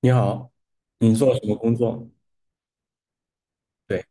你好，你做什么工作？对。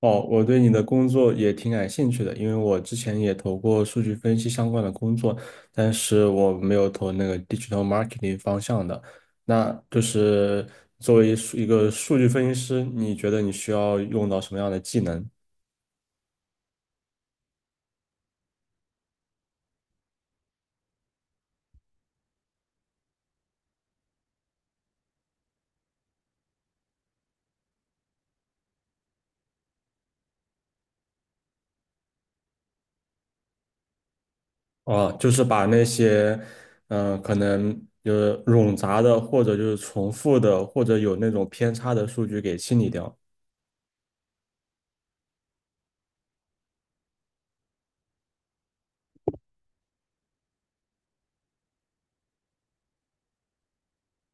哦，我对你的工作也挺感兴趣的，因为我之前也投过数据分析相关的工作，但是我没有投那个 digital marketing 方向的。那就是作为一个数据分析师，你觉得你需要用到什么样的技能？哦，就是把那些，可能就是冗杂的，或者就是重复的，或者有那种偏差的数据给清理掉。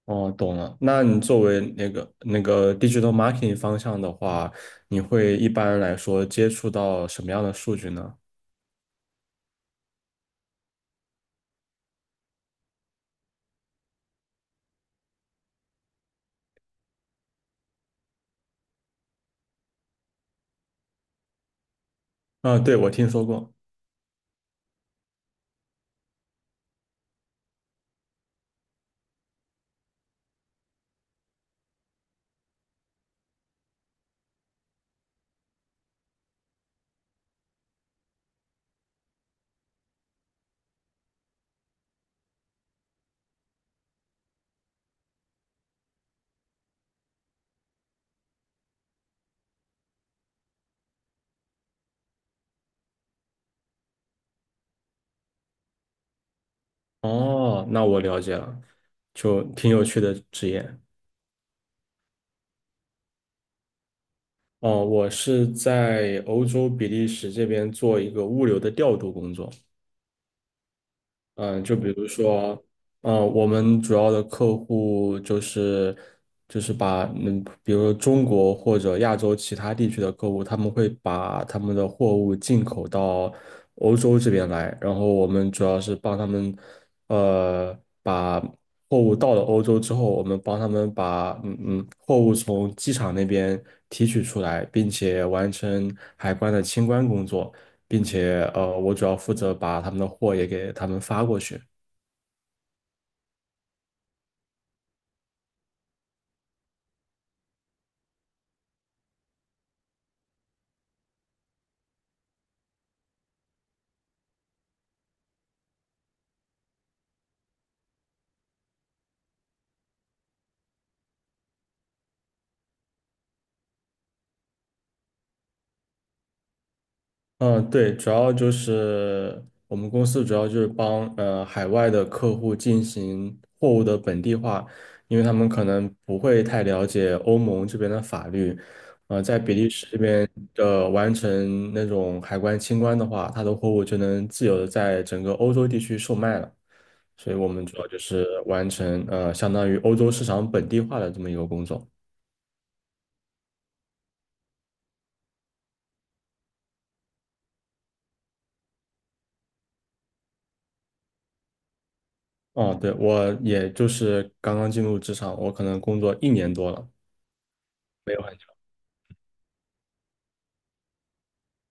哦，懂了。那你作为那个 digital marketing 方向的话，你会一般来说接触到什么样的数据呢？啊，对，我听说过。哦，那我了解了，就挺有趣的职业。哦，我是在欧洲比利时这边做一个物流的调度工作。嗯，就比如说，嗯，我们主要的客户就是把比如说中国或者亚洲其他地区的客户，他们会把他们的货物进口到欧洲这边来，然后我们主要是帮他们，呃，把货物到了欧洲之后，我们帮他们把货物从机场那边提取出来，并且完成海关的清关工作。并且我主要负责把他们的货也给他们发过去。嗯，对，主要就是我们公司主要就是帮海外的客户进行货物的本地化，因为他们可能不会太了解欧盟这边的法律，在比利时这边的完成那种海关清关的话，他的货物就能自由的在整个欧洲地区售卖了，所以我们主要就是完成相当于欧洲市场本地化的这么一个工作。哦，对，我也就是刚刚进入职场，我可能工作一年多了。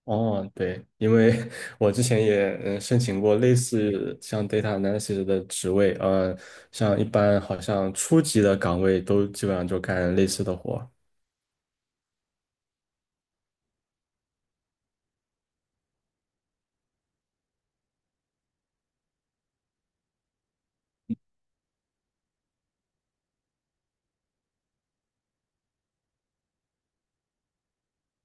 哦，对，因为 我之前也申请过类似像 data analysis 的职位，像一般好像初级的岗位都基本上就干类似的活儿。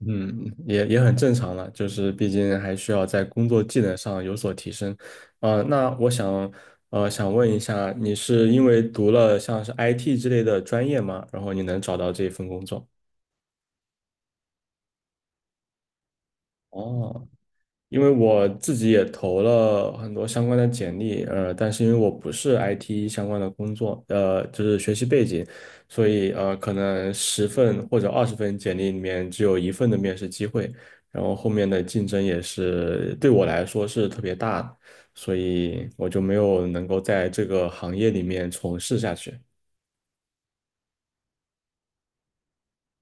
嗯，也也很正常了，就是毕竟还需要在工作技能上有所提升。那我想想问一下，你是因为读了像是 IT 之类的专业吗？然后你能找到这份工作？哦，因为我自己也投了很多相关的简历，但是因为我不是 IT 相关的工作，就是学习背景，所以可能十份或者20份简历里面只有一份的面试机会，然后后面的竞争也是对我来说是特别大的，所以我就没有能够在这个行业里面从事下去。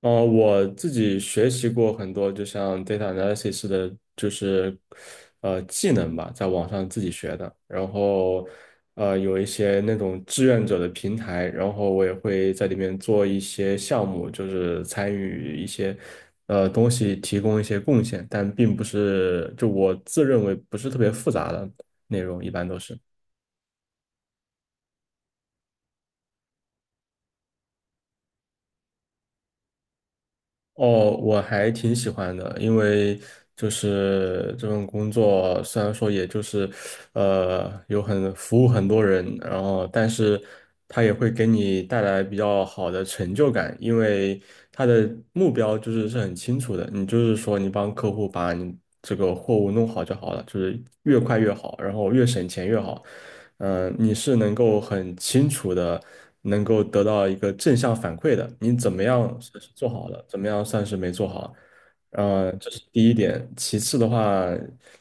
我自己学习过很多，就像 data analysis 的，技能吧，在网上自己学的。然后有一些那种志愿者的平台，然后我也会在里面做一些项目，就是参与一些东西，提供一些贡献，但并不是就我自认为不是特别复杂的内容，一般都是。哦，我还挺喜欢的，因为就是这份工作虽然说也就是，有很服务很多人，然后但是它也会给你带来比较好的成就感，因为它的目标是很清楚的，你就是说你帮客户把你这个货物弄好就好了，就是越快越好，然后越省钱越好。你是能够很清楚的，能够得到一个正向反馈的。你怎么样算是做好了，怎么样算是没做好？这是第一点。其次的话，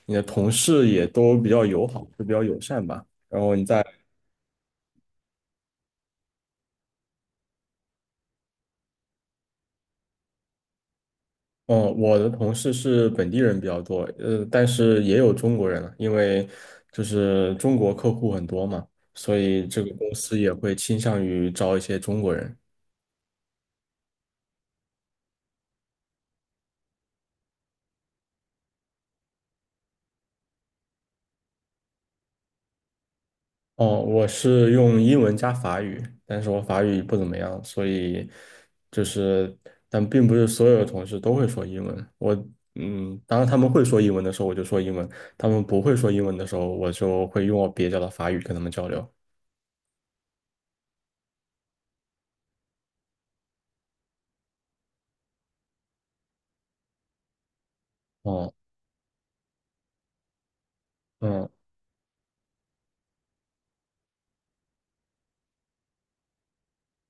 你的同事也都比较友好，就比较友善吧。然后你再，嗯、我的同事是本地人比较多，但是也有中国人了，因为就是中国客户很多嘛，所以这个公司也会倾向于招一些中国人。哦，我是用英文加法语，但是我法语不怎么样，所以就是，但并不是所有的同事都会说英文。我，嗯，当他们会说英文的时候，我就说英文；他们不会说英文的时候，我就会用我蹩脚的法语跟他们交流。哦，嗯。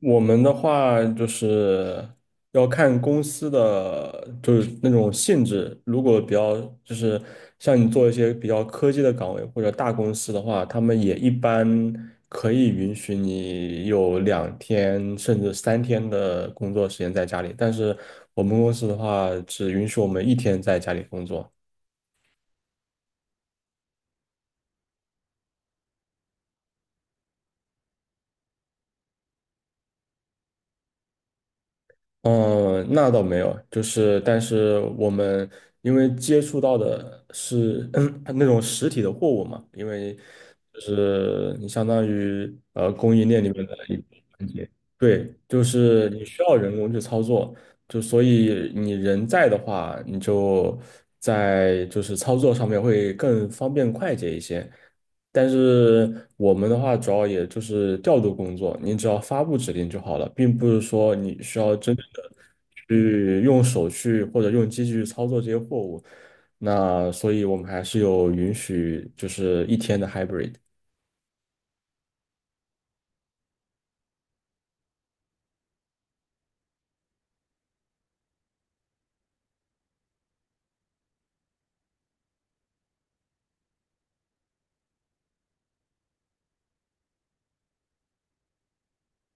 我们的话就是要看公司的，就是那种性质。如果比较就是像你做一些比较科技的岗位或者大公司的话，他们也一般可以允许你有2天甚至3天的工作时间在家里。但是我们公司的话，只允许我们一天在家里工作。嗯，那倒没有，就是但是我们因为接触到的是 那种实体的货物嘛，因为就是你相当于供应链里面的一个环节，对，就是你需要人工去操作，就所以你人在的话，你就在就是操作上面会更方便快捷一些。但是我们的话，主要也就是调度工作，你只要发布指令就好了，并不是说你需要真正的去用手去或者用机器去操作这些货物。那所以，我们还是有允许，就是一天的 hybrid。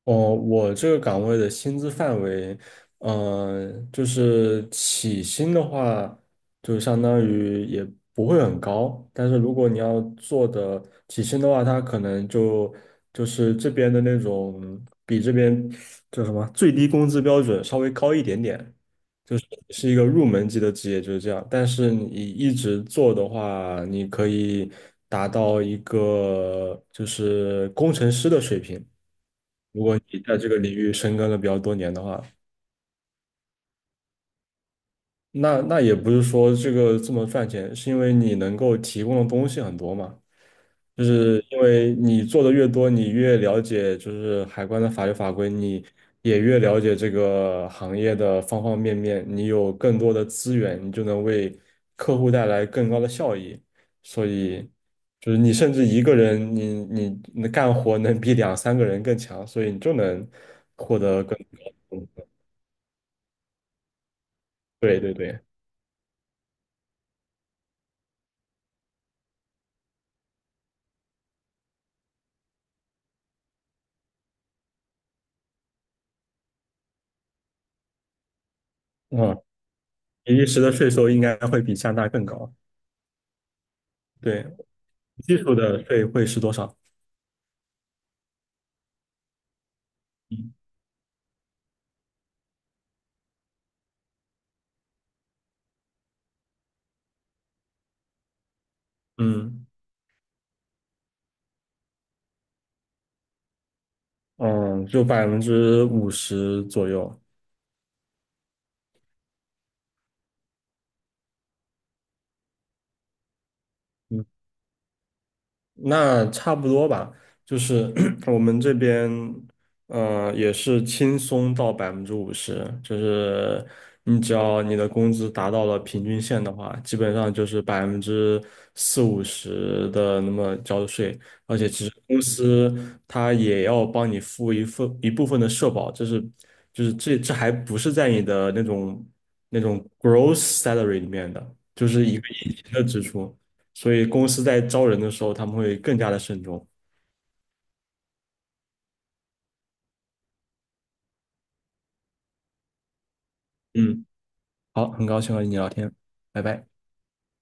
哦，我这个岗位的薪资范围，就是起薪的话，就相当于也不会很高，但是如果你要做的起薪的话，它可能就就是这边的那种比这边叫什么最低工资标准稍微高一点点，是一个入门级的职业，就是这样。但是你一直做的话，你可以达到一个就是工程师的水平。如果你在这个领域深耕了比较多年的话，那那也不是说这个这么赚钱，是因为你能够提供的东西很多嘛。就是因为你做的越多，你越了解就是海关的法律法规，你也越了解这个行业的方方面面，你有更多的资源，你就能为客户带来更高的效益。所以，就是你甚至一个人，你干活能比两三个人更强，所以你就能获得更高。对对对，嗯，比利时的税收应该会比加拿大更高。对，基础的税会是多少？嗯嗯，就百分之五十左右。嗯。那差不多吧，就是 我们这边，也是轻松到百分之五十，就是你只要你的工资达到了平均线的话，基本上就是40%到50%的那么交的税，而且其实公司它也要帮你付一份一部分的社保，这是就是这还不是在你的那种那种 gross salary 里面的，就是一个隐形的支出。所以公司在招人的时候，他们会更加的慎重。嗯，好，很高兴和你聊天，拜拜。